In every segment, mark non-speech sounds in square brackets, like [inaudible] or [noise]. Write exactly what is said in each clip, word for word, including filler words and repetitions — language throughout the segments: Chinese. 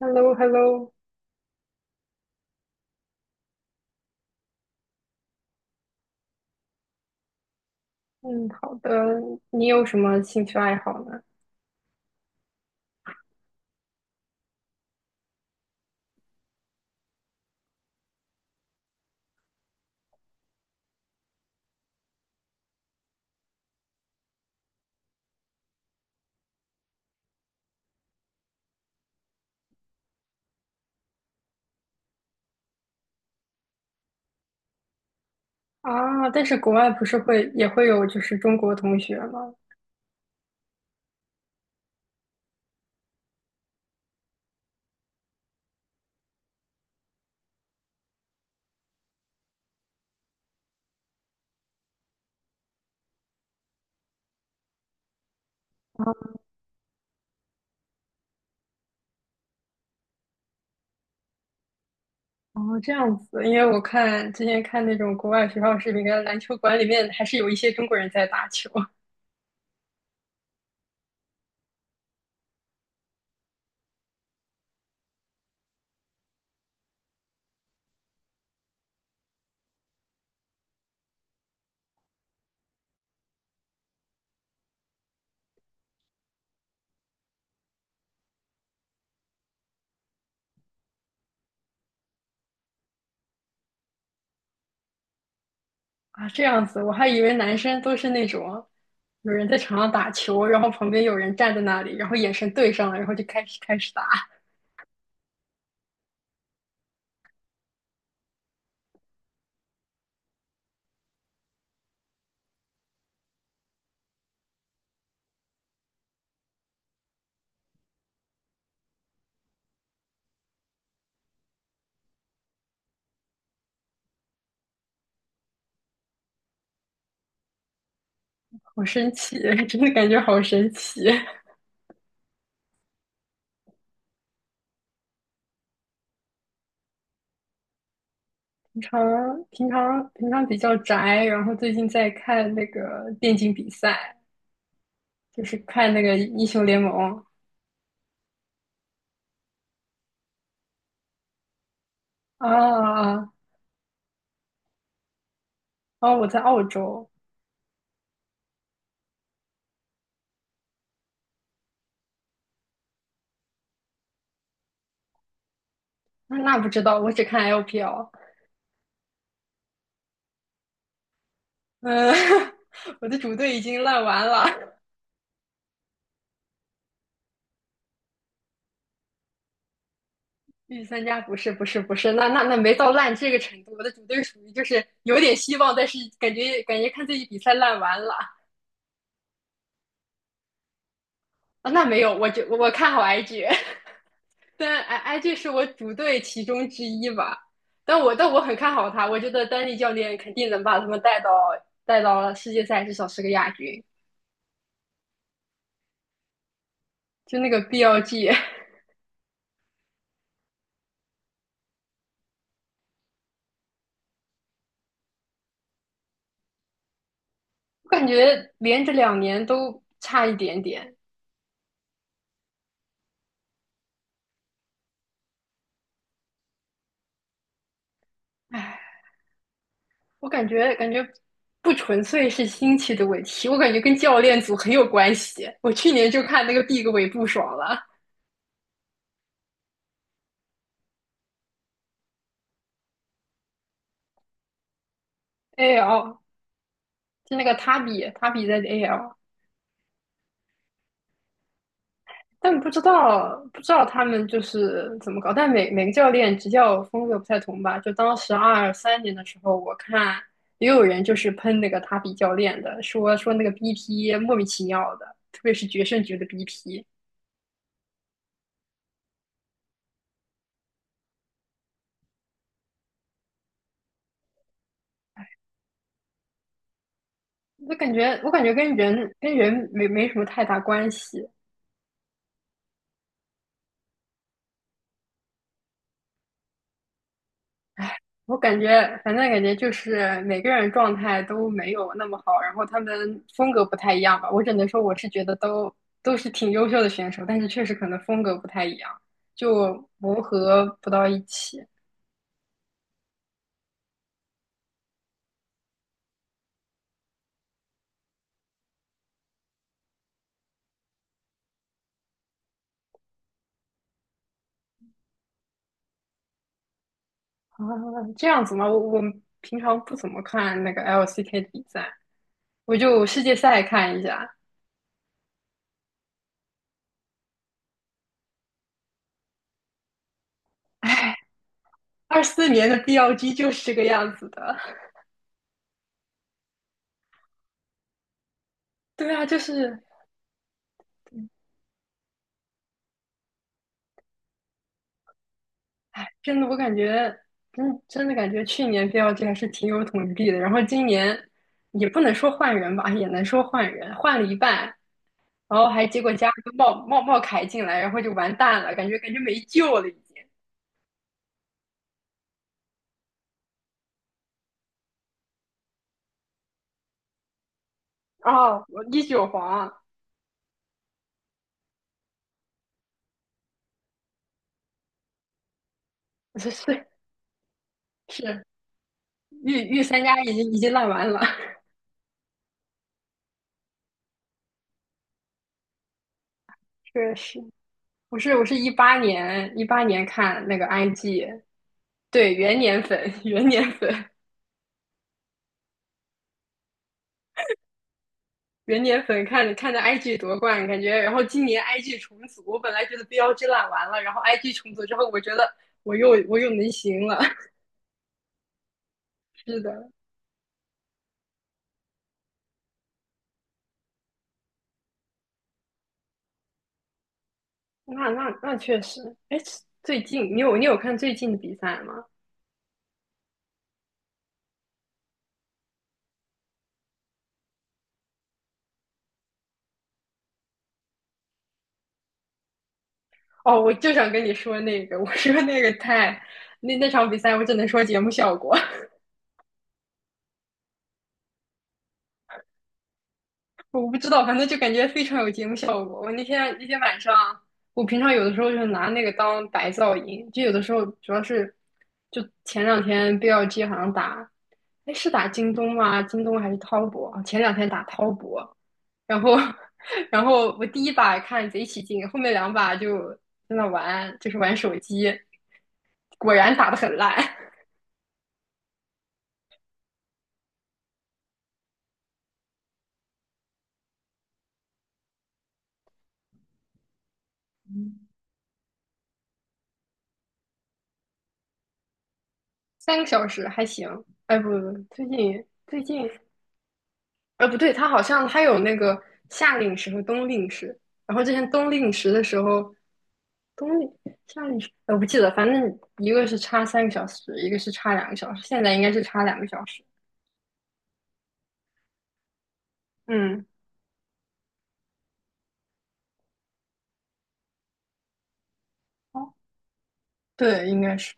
h e l l o h e l l o 嗯，好的。你有什么兴趣爱好呢？啊，但是国外不是会也会有就是中国同学吗？啊，哦，这样子，因为我看之前看那种国外学校视频，跟篮球馆里面还是有一些中国人在打球。 [laughs] 啊，这样子，我还以为男生都是那种有人在场上打球，然后旁边有人站在那里，然后眼神对上了，然后就开始开始打。好神奇，[laughs] 真的感觉好神奇。平常平常平常比较宅，然后最近在看那个电竞比赛，就是看那个英雄联盟。啊哦，啊我在澳洲。那那不知道，我只看 L P L。嗯，[laughs] 我的主队已经烂完了。御三家不是不是不是，那那那没到烂这个程度，我的主队属于就是有点希望，但是感觉感觉看自己比赛烂完了。啊，那没有，我就我看好 I G。但 I IG 是我主队其中之一吧，但我但我很看好他，我觉得丹尼教练肯定能把他们带到带到世界赛，至少是个亚军。就那个 B L G，我 [laughs] 感觉连着两年都差一点点。唉，我感觉感觉不纯粹是心气的问题，我感觉跟教练组很有关系。我去年就看那个 Big 尾不爽了，A L 就那个塔比塔比在 A L，但不知道不知道他们就是怎么搞，但每每个教练执教风格不太同吧。就当时二三年的时候，我看也有人就是喷那个塔比教练的，说说那个 B P 莫名其妙的，特别是决胜局的 B P。我感觉我感觉跟人跟人没没什么太大关系。我感觉，反正感觉就是每个人状态都没有那么好，然后他们风格不太一样吧。我只能说，我是觉得都都是挺优秀的选手，但是确实可能风格不太一样，就磨合不到一起啊。这样子吗？我我平常不怎么看那个 L C K 的比赛，我就世界赛看一下。二四年的 B L G 就是这个样子的，[laughs] 对啊，就是。真的，我感觉真真的感觉去年 B L G 还是挺有统治力的，然后今年也不能说换人吧，也能说换人，换了一半，然后还结果加了个茂茂茂凯进来，然后就完蛋了，感觉感觉没救了已经。啊，我一九黄，[laughs] 是是是，御御三家已经已经烂完了。[laughs] 确实。我是我是一八年一八年看那个 I G，对元年粉元年粉，元年粉看看着 IG 夺冠。感觉然后今年 IG 重组，我本来觉得 BLG 烂完了，然后 I G 重组之后，我觉得我又我又能行了。[laughs] 是的。那那那确实。哎，最近你有你有看最近的比赛吗？哦，我就想跟你说那个，我说那个太那那场比赛，我只能说节目效果。我不知道，反正就感觉非常有节目效果。我那天那天晚上，我平常有的时候就拿那个当白噪音，就有的时候主要是，就前两天 B L G 好像打，哎是打京东吗？京东还是滔博？前两天打滔博，然后 [laughs] 然后我第一把看贼起劲，后面两把就在那玩，就是玩手机，果然打得很烂。[laughs] 三个小时还行。哎不不，不最近最近呃，不对，它好像它有那个夏令时和冬令时。然后之前冬令时的时候，冬令夏令时，呃我不记得，反正一个是差三个小时，一个是差两个小时，现在应该是差两个小时。嗯，哦，对，应该是。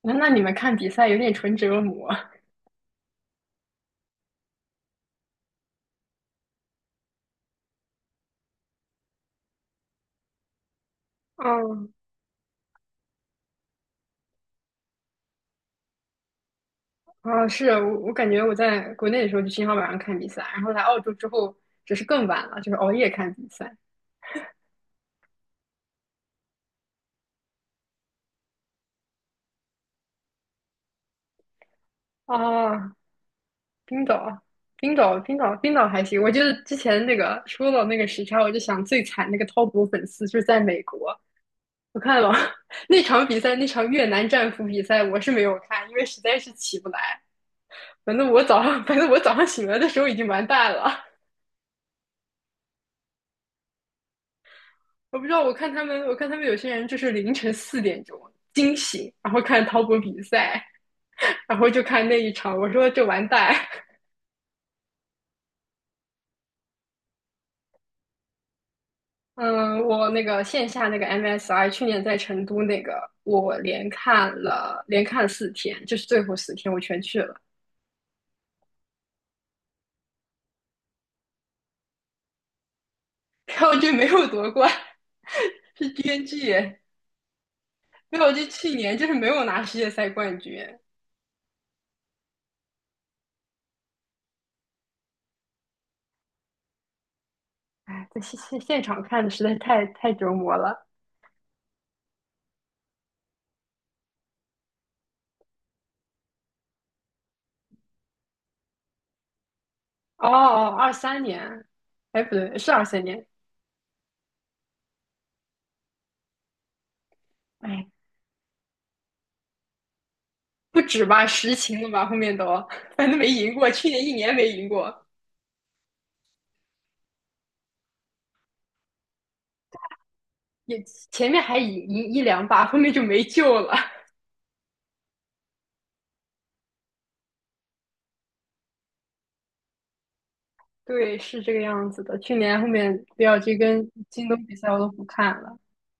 那那你们看比赛有点纯折磨。嗯，[laughs] 啊，是啊我我感觉我在国内的时候就经常晚上看比赛，然后来澳洲之后只是更晚了，就是熬夜看比赛。啊，冰岛啊，冰岛，冰岛，冰岛还行。我觉得之前那个说到那个时差，我就想最惨那个滔搏粉丝就是在美国。我看了 [laughs] 那场比赛，那场越南战俘比赛，我是没有看，因为实在是起不来。反正我早上，[laughs] 反正我早上醒来的时候已经完蛋了。我不知道，我看他们，我看他们有些人就是凌晨四点钟惊醒，然后看滔搏比赛，[laughs] 然后就看那一场，我说这完蛋。嗯，我那个线下那个 M S I 去年在成都那个，我连看了连看了四天，就是最后四天我全去了，然后就没有夺冠，[laughs] 是 G N G。耶，没有就去年就是没有拿世界赛冠军。哎，在现现现场看的实在太太折磨了。哦哦，二三年，哎不对，是二三年。哎 [laughs] 不止吧，实情了吧，后面都反正没赢过，去年一年没赢过，也前面还赢赢一两把，后面就没救了。对，是这个样子的。去年后面比尔这跟京东比赛我都不看了，